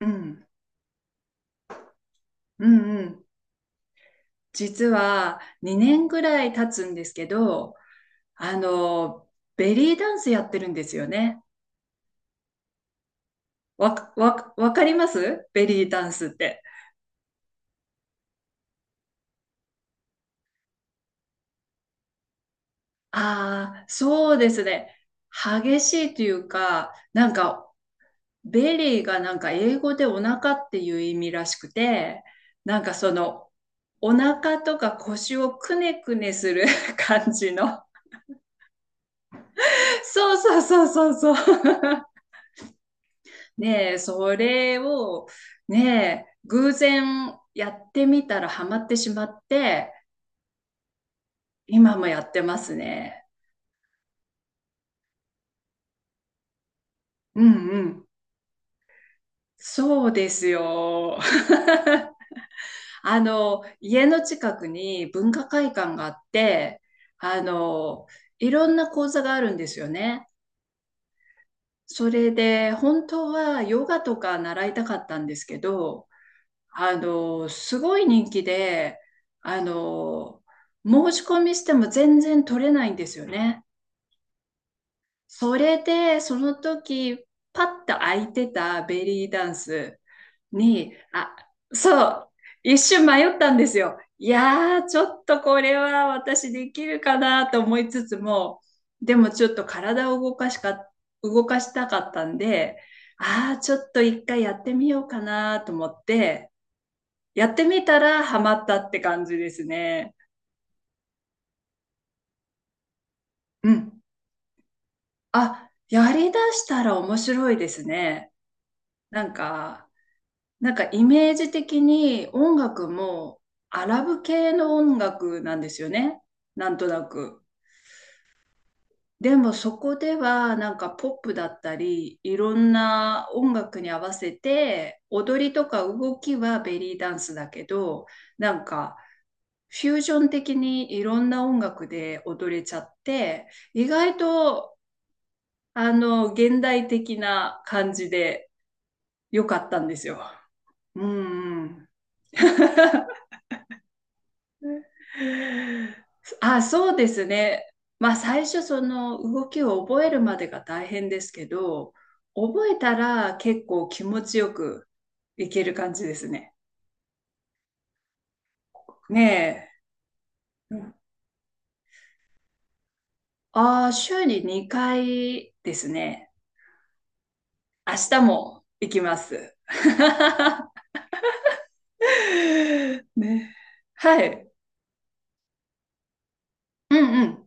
うん、うんうん。実は2年ぐらい経つんですけど、あの、ベリーダンスやってるんですよね。わかりますベリーダンスって？ああ、そうですね。激しいというか、なんか、ベリーがなんか英語でお腹っていう意味らしくて、なんかお腹とか腰をくねくねする 感じの。そうそうそうそうそう。ねえ、それを、ねえ、偶然やってみたらハマってしまって、今もやってますね。うんうん。そうですよ。家の近くに文化会館があって、あの、いろんな講座があるんですよね。それで、本当はヨガとか習いたかったんですけど、すごい人気で、あの、申し込みしても全然取れないんですよね。それで、その時、パッと空いてたベリーダンスに、あ、そう、一瞬迷ったんですよ。いやー、ちょっとこれは私できるかなと思いつつも、でもちょっと体を動かしたかったんで、ちょっと一回やってみようかなと思って、やってみたらハマったって感じですね。うん。あ、やりだしたら面白いですね。なんか、なんかイメージ的に音楽もアラブ系の音楽なんですよね。なんとなく。でもそこではなんかポップだったり、いろんな音楽に合わせて、踊りとか動きはベリーダンスだけど、なんかフュージョン的にいろんな音楽で踊れちゃって、意外と、現代的な感じで良かったんですよ。うんうん。あ、そうですね。まあ、最初、その動きを覚えるまでが大変ですけど、覚えたら結構気持ちよくいける感じですね。ねえ。うんああ、週に2回ですね。明日も行きます。ね。はい。うんうん。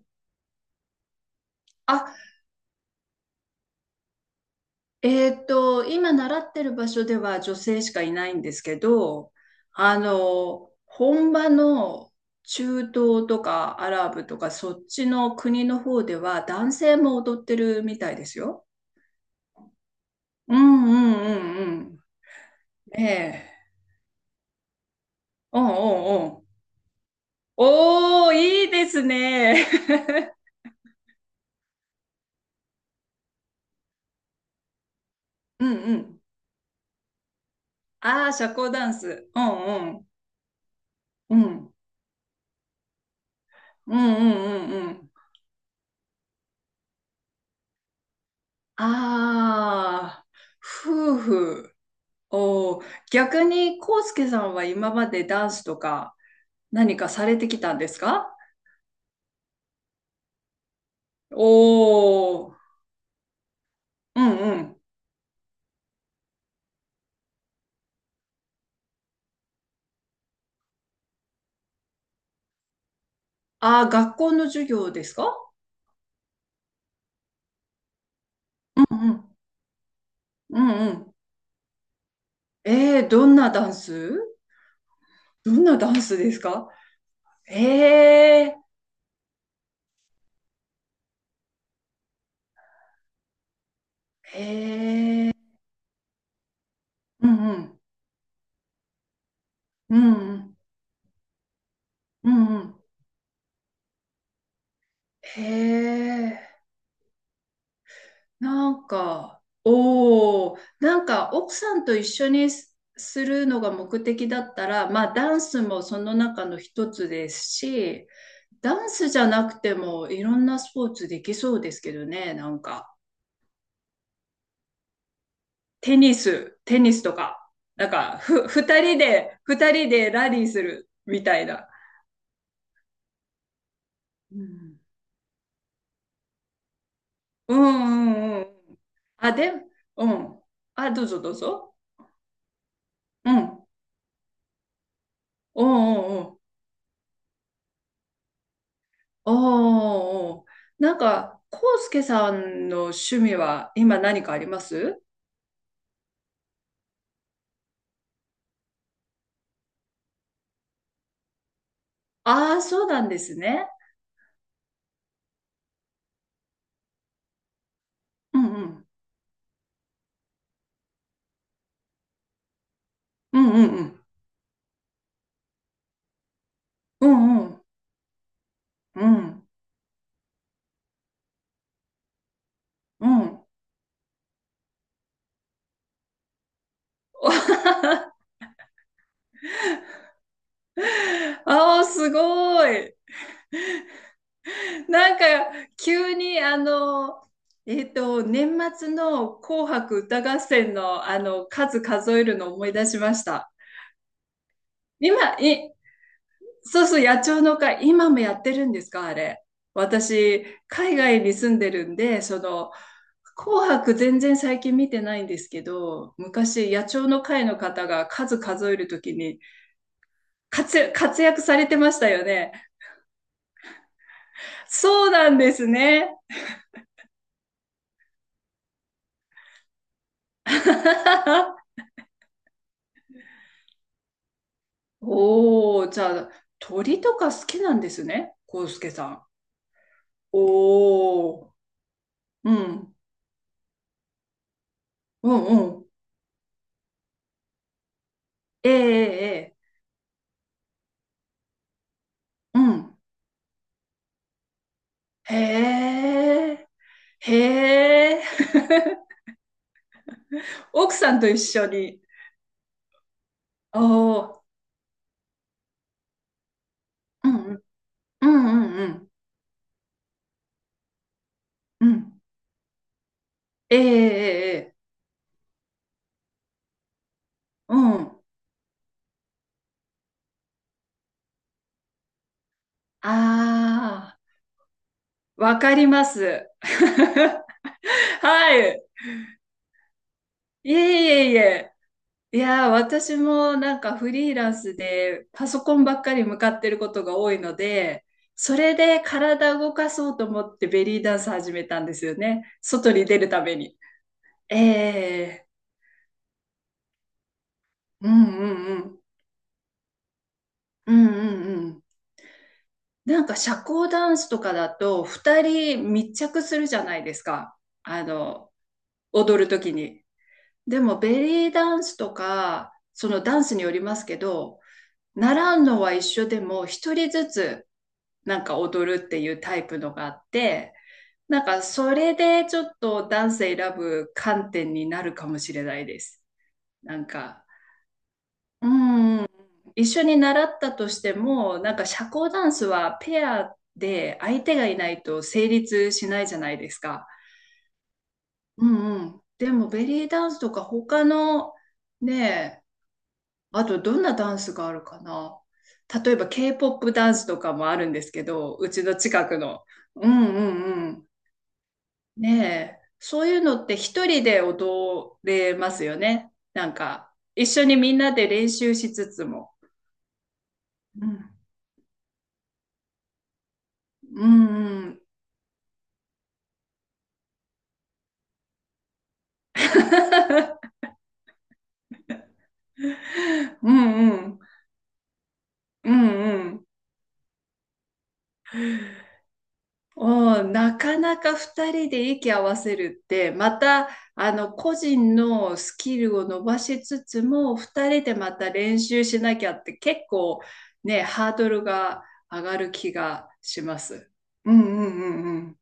あ、今習ってる場所では女性しかいないんですけど、本場の中東とかアラブとかそっちの国の方では男性も踊ってるみたいですよ。うんうんうんうん。ねえ。うんうんうん。おー、いいですね。うんうん。ああ、社交ダンス。うんうん。うん。うんうんうんうん。ああ、夫婦。おー逆に、コウスケさんは今までダンスとか何かされてきたんですか？おおー、うんうん。ああ、学校の授業ですか？うんうん。うんうん。えー、どんなダンスどんなダンスですか？ええー、ええー、うんうん。うんうん。うんうん。へえ。なんか、おお、なんか奥さんと一緒にすするのが目的だったら、まあダンスもその中の一つですし、ダンスじゃなくてもいろんなスポーツできそうですけどね、なんか。テニスとか、なんか、ふ、二人で、二人でラリーするみたいな。うん、うんうんうん。あ、で、うん。あ、どうぞどうぞ。うん。うんうんうん。おー、なんか、コウスケさんの趣味は今何かあります？ああー、そうなんですね。うんうん。うんうんうん。うんうん。うんうん。ああ、すごい。なんか、急に、年末の紅白歌合戦の、数数えるのを思い出しました。今、いそうそう、野鳥の会、今もやってるんですか、あれ？私、海外に住んでるんで、紅白全然最近見てないんですけど、昔、野鳥の会の方が数数えるときに活躍されてましたよね。そうなんですね。おー、じゃあ、鳥とか好きなんですね、康介さん。おー、うん、うん、うん。ええええうん。へえ。へえ。奥さんと一緒に。おお。うんうん。うんうんうん。うん。ええええええ。うん。ああ、わかります。はい。いえいえいえ。いやー、私もなんかフリーランスでパソコンばっかり向かってることが多いので、それで体動かそうと思ってベリーダンス始めたんですよね。外に出るために。ええうんうんうん。うんうんなんか社交ダンスとかだと2人密着するじゃないですか。あの、踊るときに。でもベリーダンスとか、そのダンスによりますけど、習うのは一緒でも一人ずつなんか踊るっていうタイプのがあって、なんかそれでちょっとダンス選ぶ観点になるかもしれないです。なんかうん、一緒に習ったとしても、なんか社交ダンスはペアで相手がいないと成立しないじゃないですか。うんうん。でもベリーダンスとか他のね、あとどんなダンスがあるかな。例えば K-POP ダンスとかもあるんですけど、うちの近くの。うんうんうん。ねえ、そういうのって一人で踊れますよね。なんか一緒にみんなで練習しつつも。うんうんうん うんうん。うんうん。おーなかなか二人で息合わせるって、また、個人のスキルを伸ばしつつも、二人でまた練習しなきゃって結構ね、ハードルが上がる気がします。うんうんうんうん。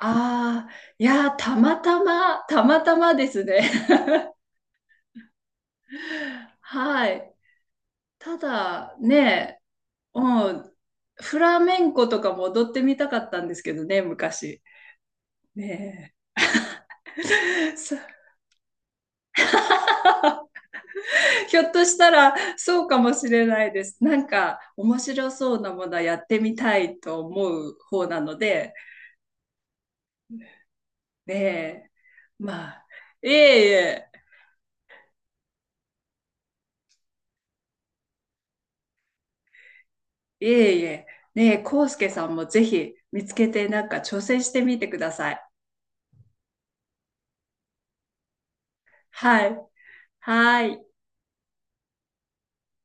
ああ、いやー、たまたま、たまたまですね。はい。ただね、もう、フラメンコとかも踊ってみたかったんですけどね、昔。ねえ。ひょっとしたらそうかもしれないです。なんか面白そうなものはやってみたいと思う方なので、ねえ。まあ、いえいえ、いえいえ。ねえ、コウスケさんもぜひ見つけてなんか挑戦してみてください。はい。はい。